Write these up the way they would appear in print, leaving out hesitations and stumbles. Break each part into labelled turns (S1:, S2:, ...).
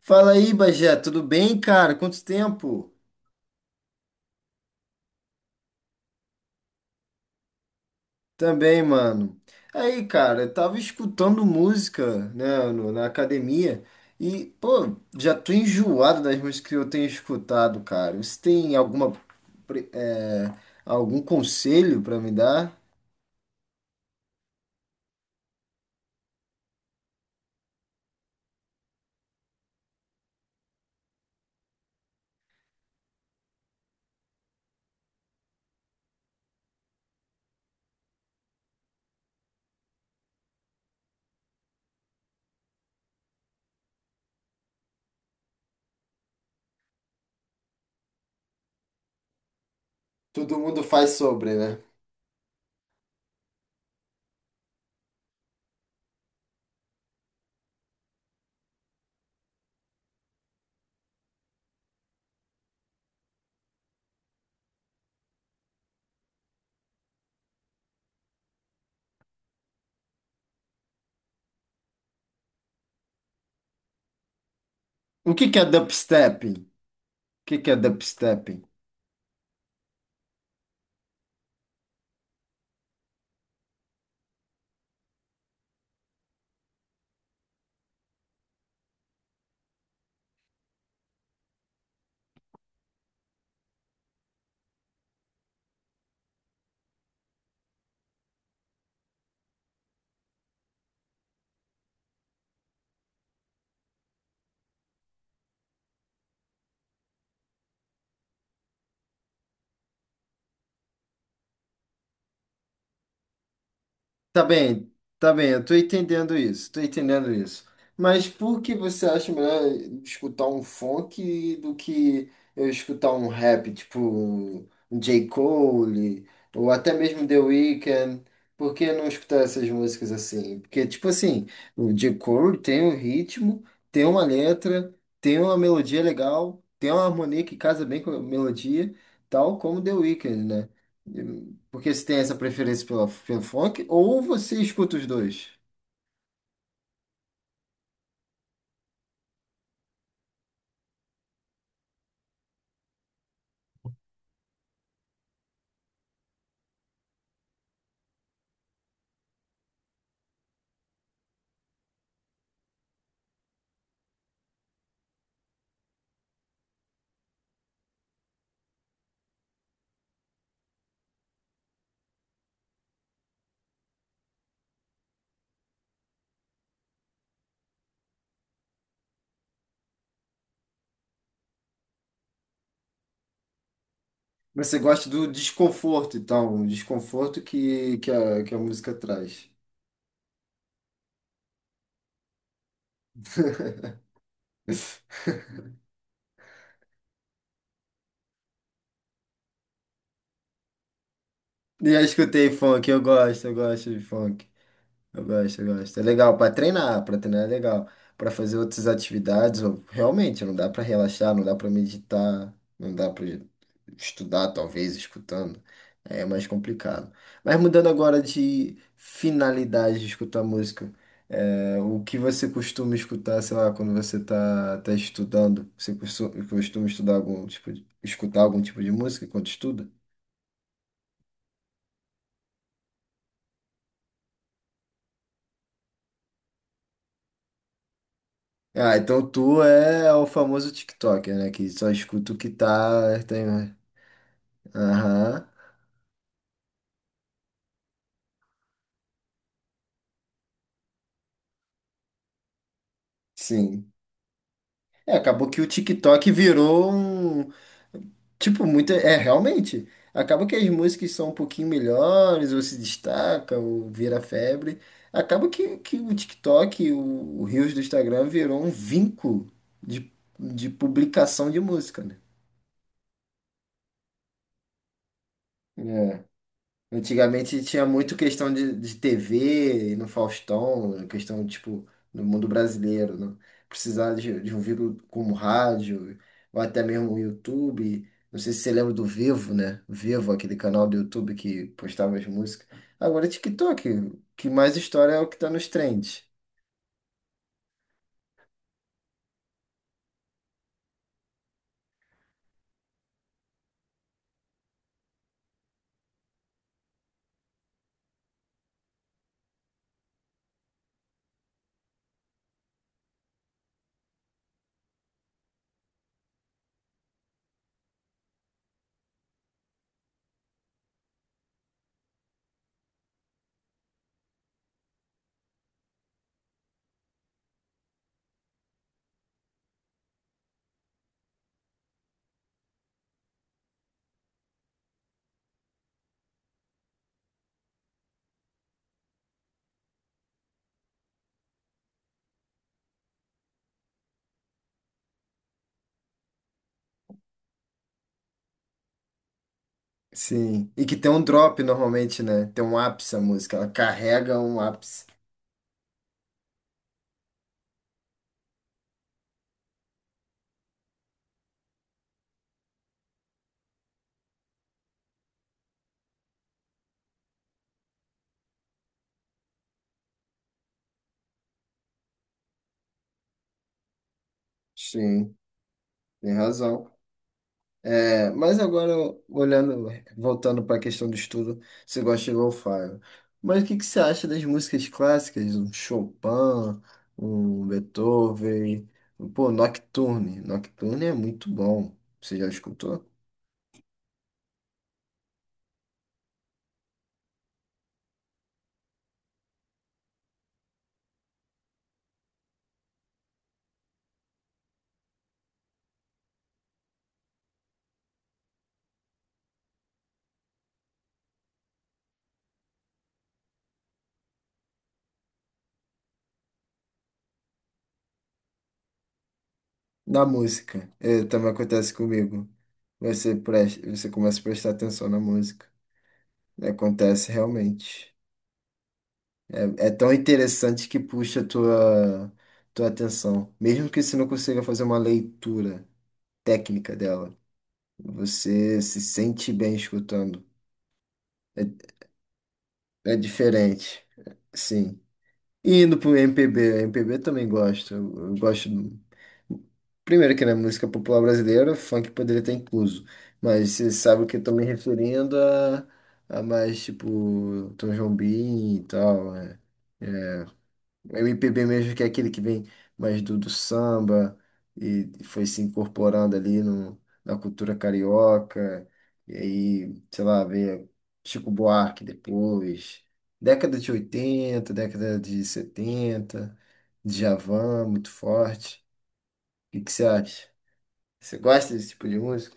S1: Fala aí, Bagé, tudo bem, cara? Quanto tempo? Também, mano. Aí, cara, eu tava escutando música, né, na academia e, pô, já tô enjoado das músicas que eu tenho escutado, cara. Você tem alguma, pre- é, algum conselho pra me dar? Todo mundo faz sobre, né? O que que é dubstep? O que que é dubstep? Tá bem, tá bem, eu tô entendendo isso, tô entendendo isso. Mas por que você acha melhor escutar um funk do que eu escutar um rap, tipo um J. Cole, ou até mesmo The Weeknd? Por que não escutar essas músicas assim? Porque, tipo assim, o J. Cole tem um ritmo, tem uma letra, tem uma melodia legal, tem uma harmonia que casa bem com a melodia, tal como The Weeknd, né? Porque você tem essa preferência pela, pelo funk, ou você escuta os dois. Você gosta do desconforto, então, o desconforto que a, que a, música traz. E eu escutei funk, eu gosto de funk. Eu gosto, eu gosto. É legal para treinar é legal. Para fazer outras atividades, realmente não dá para relaxar, não dá para meditar, não dá para estudar, talvez, escutando. É mais complicado. Mas mudando agora de finalidade de escutar música, o que você costuma escutar, sei lá, quando você tá estudando? Você costuma estudar algum tipo de, escutar algum tipo de música enquanto estuda? Ah, então tu é o famoso TikToker, né? Que só escuta o que tá. Tem, né? Aham, sim. É, acabou que o TikTok virou um. Tipo, muito. É, realmente. Acaba que as músicas são um pouquinho melhores, ou se destaca, ou vira febre. Acaba que o TikTok, o Reels do Instagram, virou um vinco de, de, publicação de música, né? É. Antigamente tinha muito questão de TV no Faustão, questão, tipo, no mundo brasileiro, né? Precisar de um veículo como rádio, ou até mesmo o YouTube. Não sei se você lembra do Vivo, né? Vivo, aquele canal do YouTube que postava as músicas. Agora é TikTok, o que mais história é o que tá nos trends. Sim. E que tem um drop normalmente, né? Tem um ápice a música, ela carrega um ápice. Sim, tem razão. É, mas agora, olhando, voltando para a questão do estudo, você gosta de lo-fi. Mas o que que você acha das músicas clássicas? Um Chopin, um Beethoven, um, pô, Nocturne. Nocturne é muito bom. Você já escutou? Na música, é, também acontece comigo. Você, presta, você começa a prestar atenção na música. Acontece realmente. É tão interessante que puxa a tua, atenção. Mesmo que você não consiga fazer uma leitura técnica dela. Você se sente bem escutando. É, é diferente, sim. E indo pro MPB, MPB também gosto. Eu gosto. Primeiro que na música popular brasileira, funk poderia estar incluso. Mas você sabe o que eu tô me referindo a, mais tipo Tom Jobim e tal. É. O MPB mesmo que é aquele que vem mais do samba e foi se incorporando ali no, na cultura carioca. E aí, sei lá, veio Chico Buarque depois. Década de oitenta, década de setenta, Djavan, muito forte. O que que você acha? Você gosta desse tipo de música?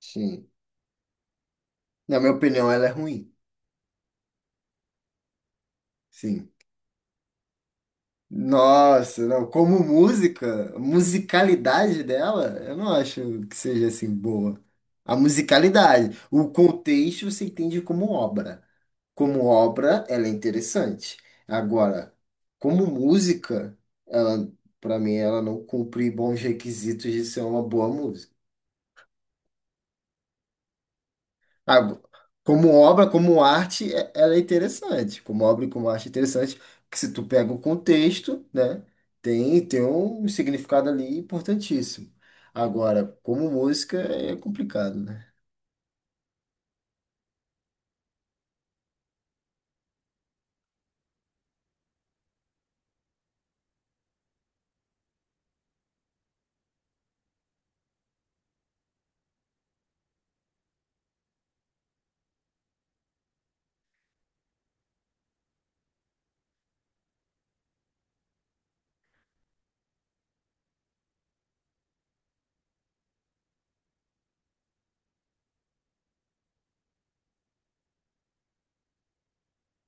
S1: Sim. Na minha opinião, ela é ruim. Sim. Nossa, não, como música, a musicalidade dela, eu não acho que seja assim boa. A musicalidade, o contexto você entende como obra. Como obra, ela é interessante. Agora, como música, ela, para mim, ela não cumpre bons requisitos de ser uma boa música. Ah, como obra, como arte, ela é interessante. Como obra e como arte é interessante, que se tu pega o contexto, né, tem, um significado ali importantíssimo. Agora, como música, é complicado, né?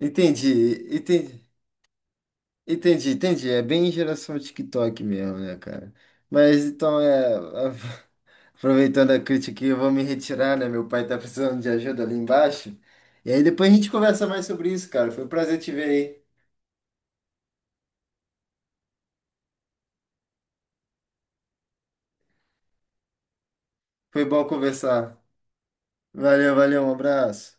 S1: Entendi, entendi, entendi, entendi. É bem geração TikTok mesmo, né, cara? Mas então Aproveitando a crítica aqui, eu vou me retirar, né? Meu pai tá precisando de ajuda ali embaixo. E aí depois a gente conversa mais sobre isso, cara. Foi um prazer te ver aí. Foi bom conversar. Valeu, valeu, um abraço.